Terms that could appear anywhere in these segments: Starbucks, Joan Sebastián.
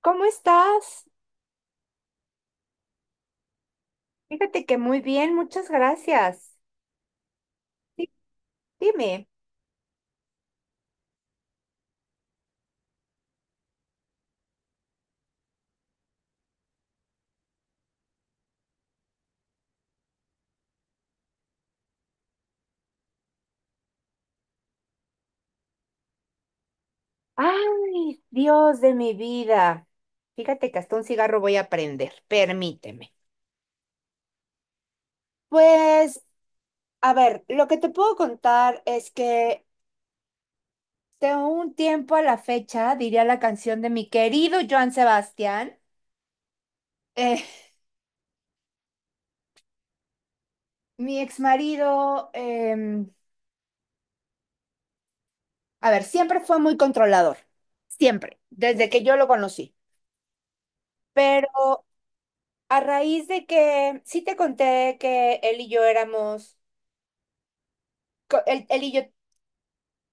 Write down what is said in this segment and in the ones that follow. ¿Cómo estás? Fíjate que muy bien, muchas gracias. Sí, dime. Ay, Dios de mi vida. Fíjate que hasta un cigarro voy a prender, permíteme. Pues, a ver, lo que te puedo contar es que de un tiempo a la fecha, diría la canción de mi querido Joan Sebastián, eh, mi exmarido, a ver, siempre fue muy controlador, siempre, desde que yo lo conocí. Pero a raíz de que sí te conté que él y yo éramos, él y yo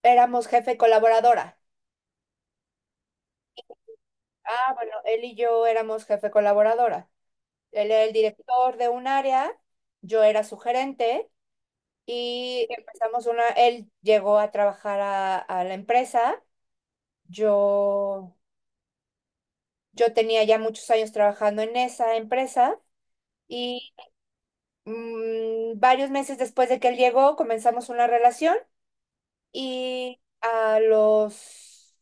éramos jefe colaboradora. Ah, bueno, él y yo éramos jefe colaboradora. Él era el director de un área, yo era su gerente y empezamos una, él llegó a trabajar a la empresa. Yo, yo tenía ya muchos años trabajando en esa empresa y varios meses después de que él llegó comenzamos una relación. Y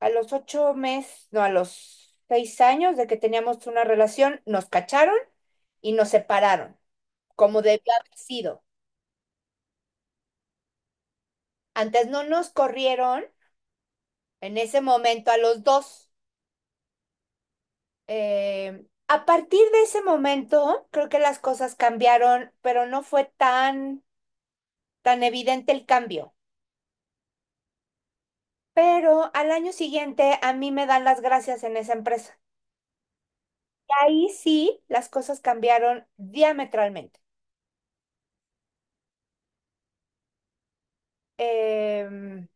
a los 8 meses, no, a los 6 años de que teníamos una relación, nos cacharon y nos separaron, como debía haber sido. Antes no nos corrieron en ese momento a los dos. A partir de ese momento, creo que las cosas cambiaron, pero no fue tan evidente el cambio. Pero al año siguiente a mí me dan las gracias en esa empresa. Ahí sí, las cosas cambiaron diametralmente. Em,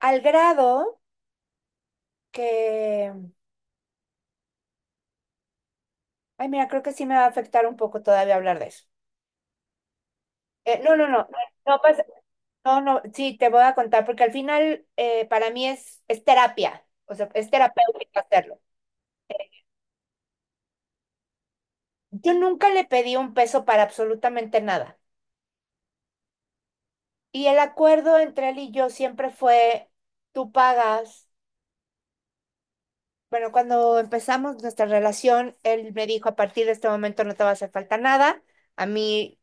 al grado que, ay, mira, creo que sí me va a afectar un poco todavía hablar de eso. No, no, no, no pasa, no, no, sí, te voy a contar, porque al final para mí es terapia, o sea, es terapéutico hacerlo. Yo nunca le pedí un peso para absolutamente nada. Y el acuerdo entre él y yo siempre fue, tú pagas. Bueno, cuando empezamos nuestra relación, él me dijo, a partir de este momento no te va a hacer falta nada. A mí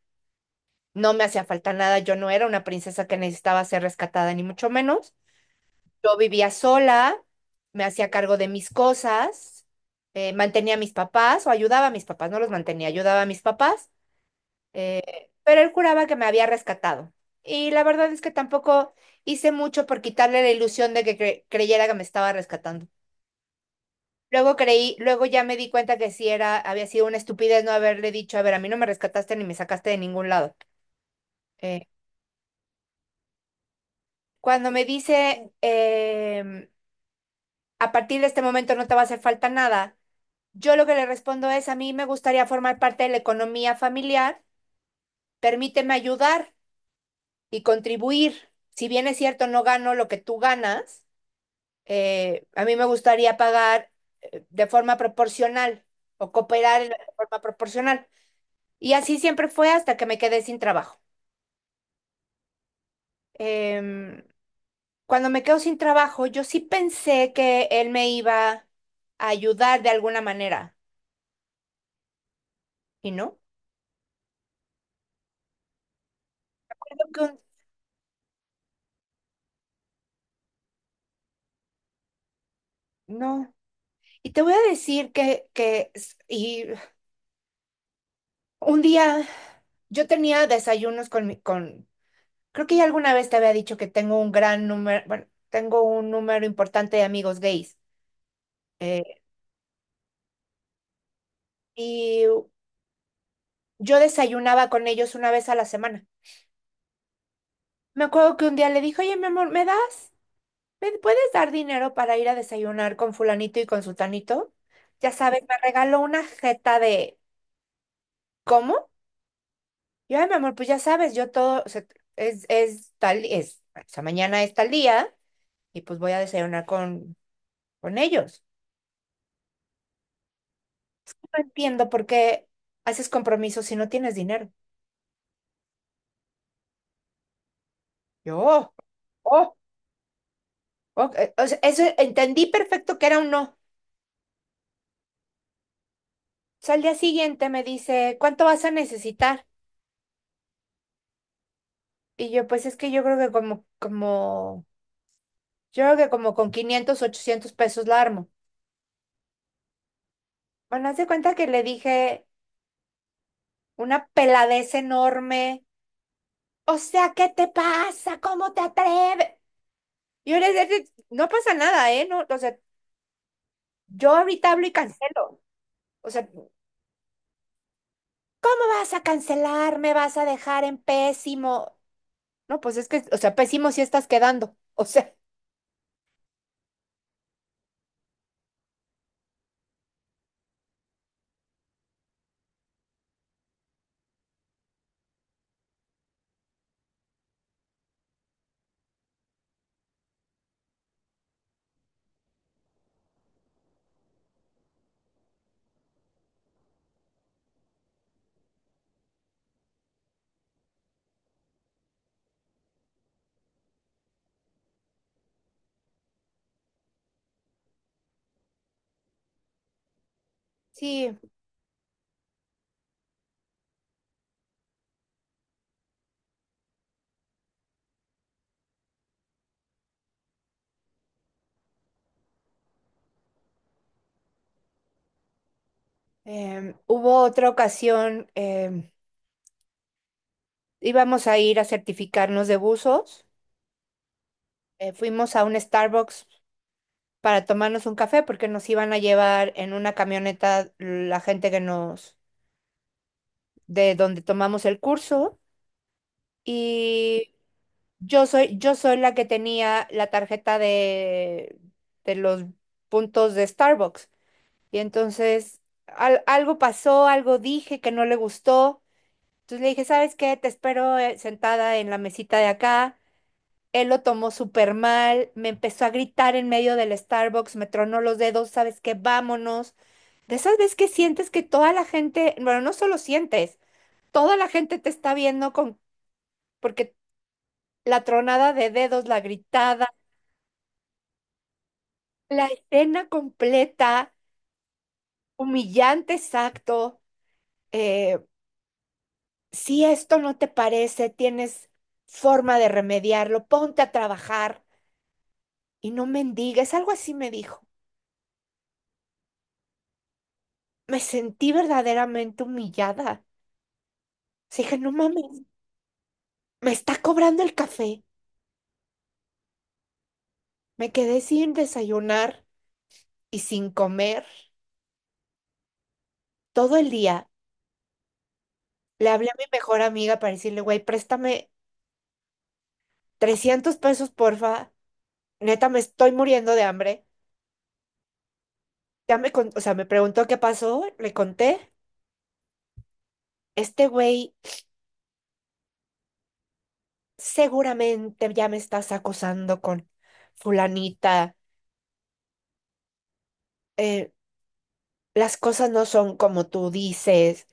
no me hacía falta nada, yo no era una princesa que necesitaba ser rescatada, ni mucho menos. Yo vivía sola, me hacía cargo de mis cosas, mantenía a mis papás o ayudaba a mis papás, no los mantenía, ayudaba a mis papás, pero él juraba que me había rescatado. Y la verdad es que tampoco hice mucho por quitarle la ilusión de que creyera que me estaba rescatando. Luego creí, luego ya me di cuenta que sí era, había sido una estupidez no haberle dicho, a ver, a mí no me rescataste ni me sacaste de ningún lado. Eh, cuando me dice, a partir de este momento no te va a hacer falta nada, yo lo que le respondo es, a mí me gustaría formar parte de la economía familiar, permíteme ayudar y contribuir. Si bien es cierto, no gano lo que tú ganas, a mí me gustaría pagar de forma proporcional o cooperar de forma proporcional. Y así siempre fue hasta que me quedé sin trabajo. Em, cuando me quedo sin trabajo, yo sí pensé que él me iba a ayudar de alguna manera. ¿Y no? Creo que no. Y te voy a decir que y un día yo tenía desayunos con creo que ya alguna vez te había dicho que tengo un gran número, bueno, tengo un número importante de amigos gays. Eh, y yo desayunaba con ellos una vez a la semana. Me acuerdo que un día le dije, oye, mi amor, ¿me das? ¿Me puedes dar dinero para ir a desayunar con fulanito y con sultanito? Ya sabes, me regaló una jeta de... ¿Cómo? Yo, ay, mi amor, pues ya sabes, yo todo, o sea, es tal, es, o sea, mañana es tal día y pues voy a desayunar con ellos. No entiendo por qué haces compromisos si no tienes dinero. Yo, oh, oh, ok, o sea, eso entendí perfecto que era un no. O sea, al día siguiente me dice, ¿cuánto vas a necesitar? Y yo, pues es que yo creo que como, como Yo creo que como con 500 800 pesos la armo. Bueno, haz de cuenta que le dije una peladez enorme. O sea, ¿qué te pasa? ¿Cómo te atreves? Yo le dije, no pasa nada, ¿eh? No, o sea, yo ahorita hablo y cancelo. O sea, ¿cómo vas a cancelar? ¿Me vas a dejar en pésimo? No, pues es que, o sea, pésimo sí estás quedando. O sea, sí, hubo otra ocasión, íbamos a ir a certificarnos de buzos. Fuimos a un Starbucks para tomarnos un café porque nos iban a llevar en una camioneta la gente que nos, de donde tomamos el curso. Y yo soy la que tenía la tarjeta de los puntos de Starbucks. Y entonces algo pasó, algo dije que no le gustó. Entonces le dije, ¿sabes qué? Te espero sentada en la mesita de acá. Él lo tomó súper mal, me empezó a gritar en medio del Starbucks, me tronó los dedos, ¿sabes qué? Vámonos. De esas veces que sientes que toda la gente, bueno, no solo sientes, toda la gente te está viendo con, porque la tronada de dedos, la gritada, la escena completa, humillante exacto, eh, si esto no te parece, tienes forma de remediarlo, ponte a trabajar y no mendigues, algo así me dijo. Me sentí verdaderamente humillada. O sea, dije, no mames, me está cobrando el café. Me quedé sin desayunar y sin comer todo el día. Le hablé a mi mejor amiga para decirle, güey, préstame 300 pesos, porfa. Neta, me estoy muriendo de hambre. O sea, me preguntó qué pasó, le conté. Este güey seguramente ya me estás acosando con fulanita. eh, las cosas no son como tú dices.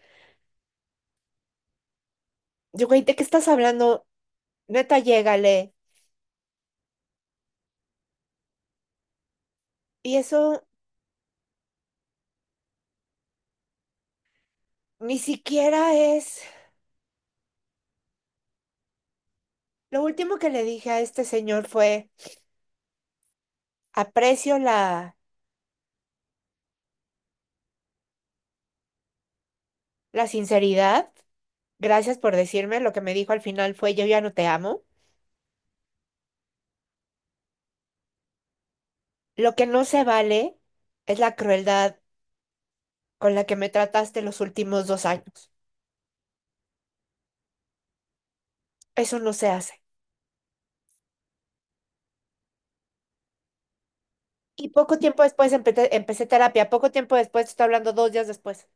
Yo, güey, ¿de qué estás hablando? Neta, llégale. Y eso ni siquiera es... Lo último que le dije a este señor fue, aprecio la sinceridad. Gracias por decirme. Lo que me dijo al final fue, yo ya no te amo. Lo que no se vale es la crueldad con la que me trataste los últimos 2 años. Eso no se hace. Y poco tiempo después empecé terapia. Poco tiempo después, te estoy hablando 2 días después.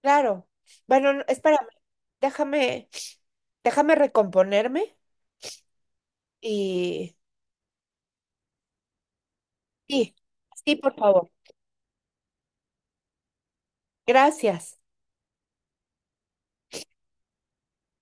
Claro. Bueno, no, espérame. Déjame, déjame recomponerme y... Sí, sí, por favor. Gracias.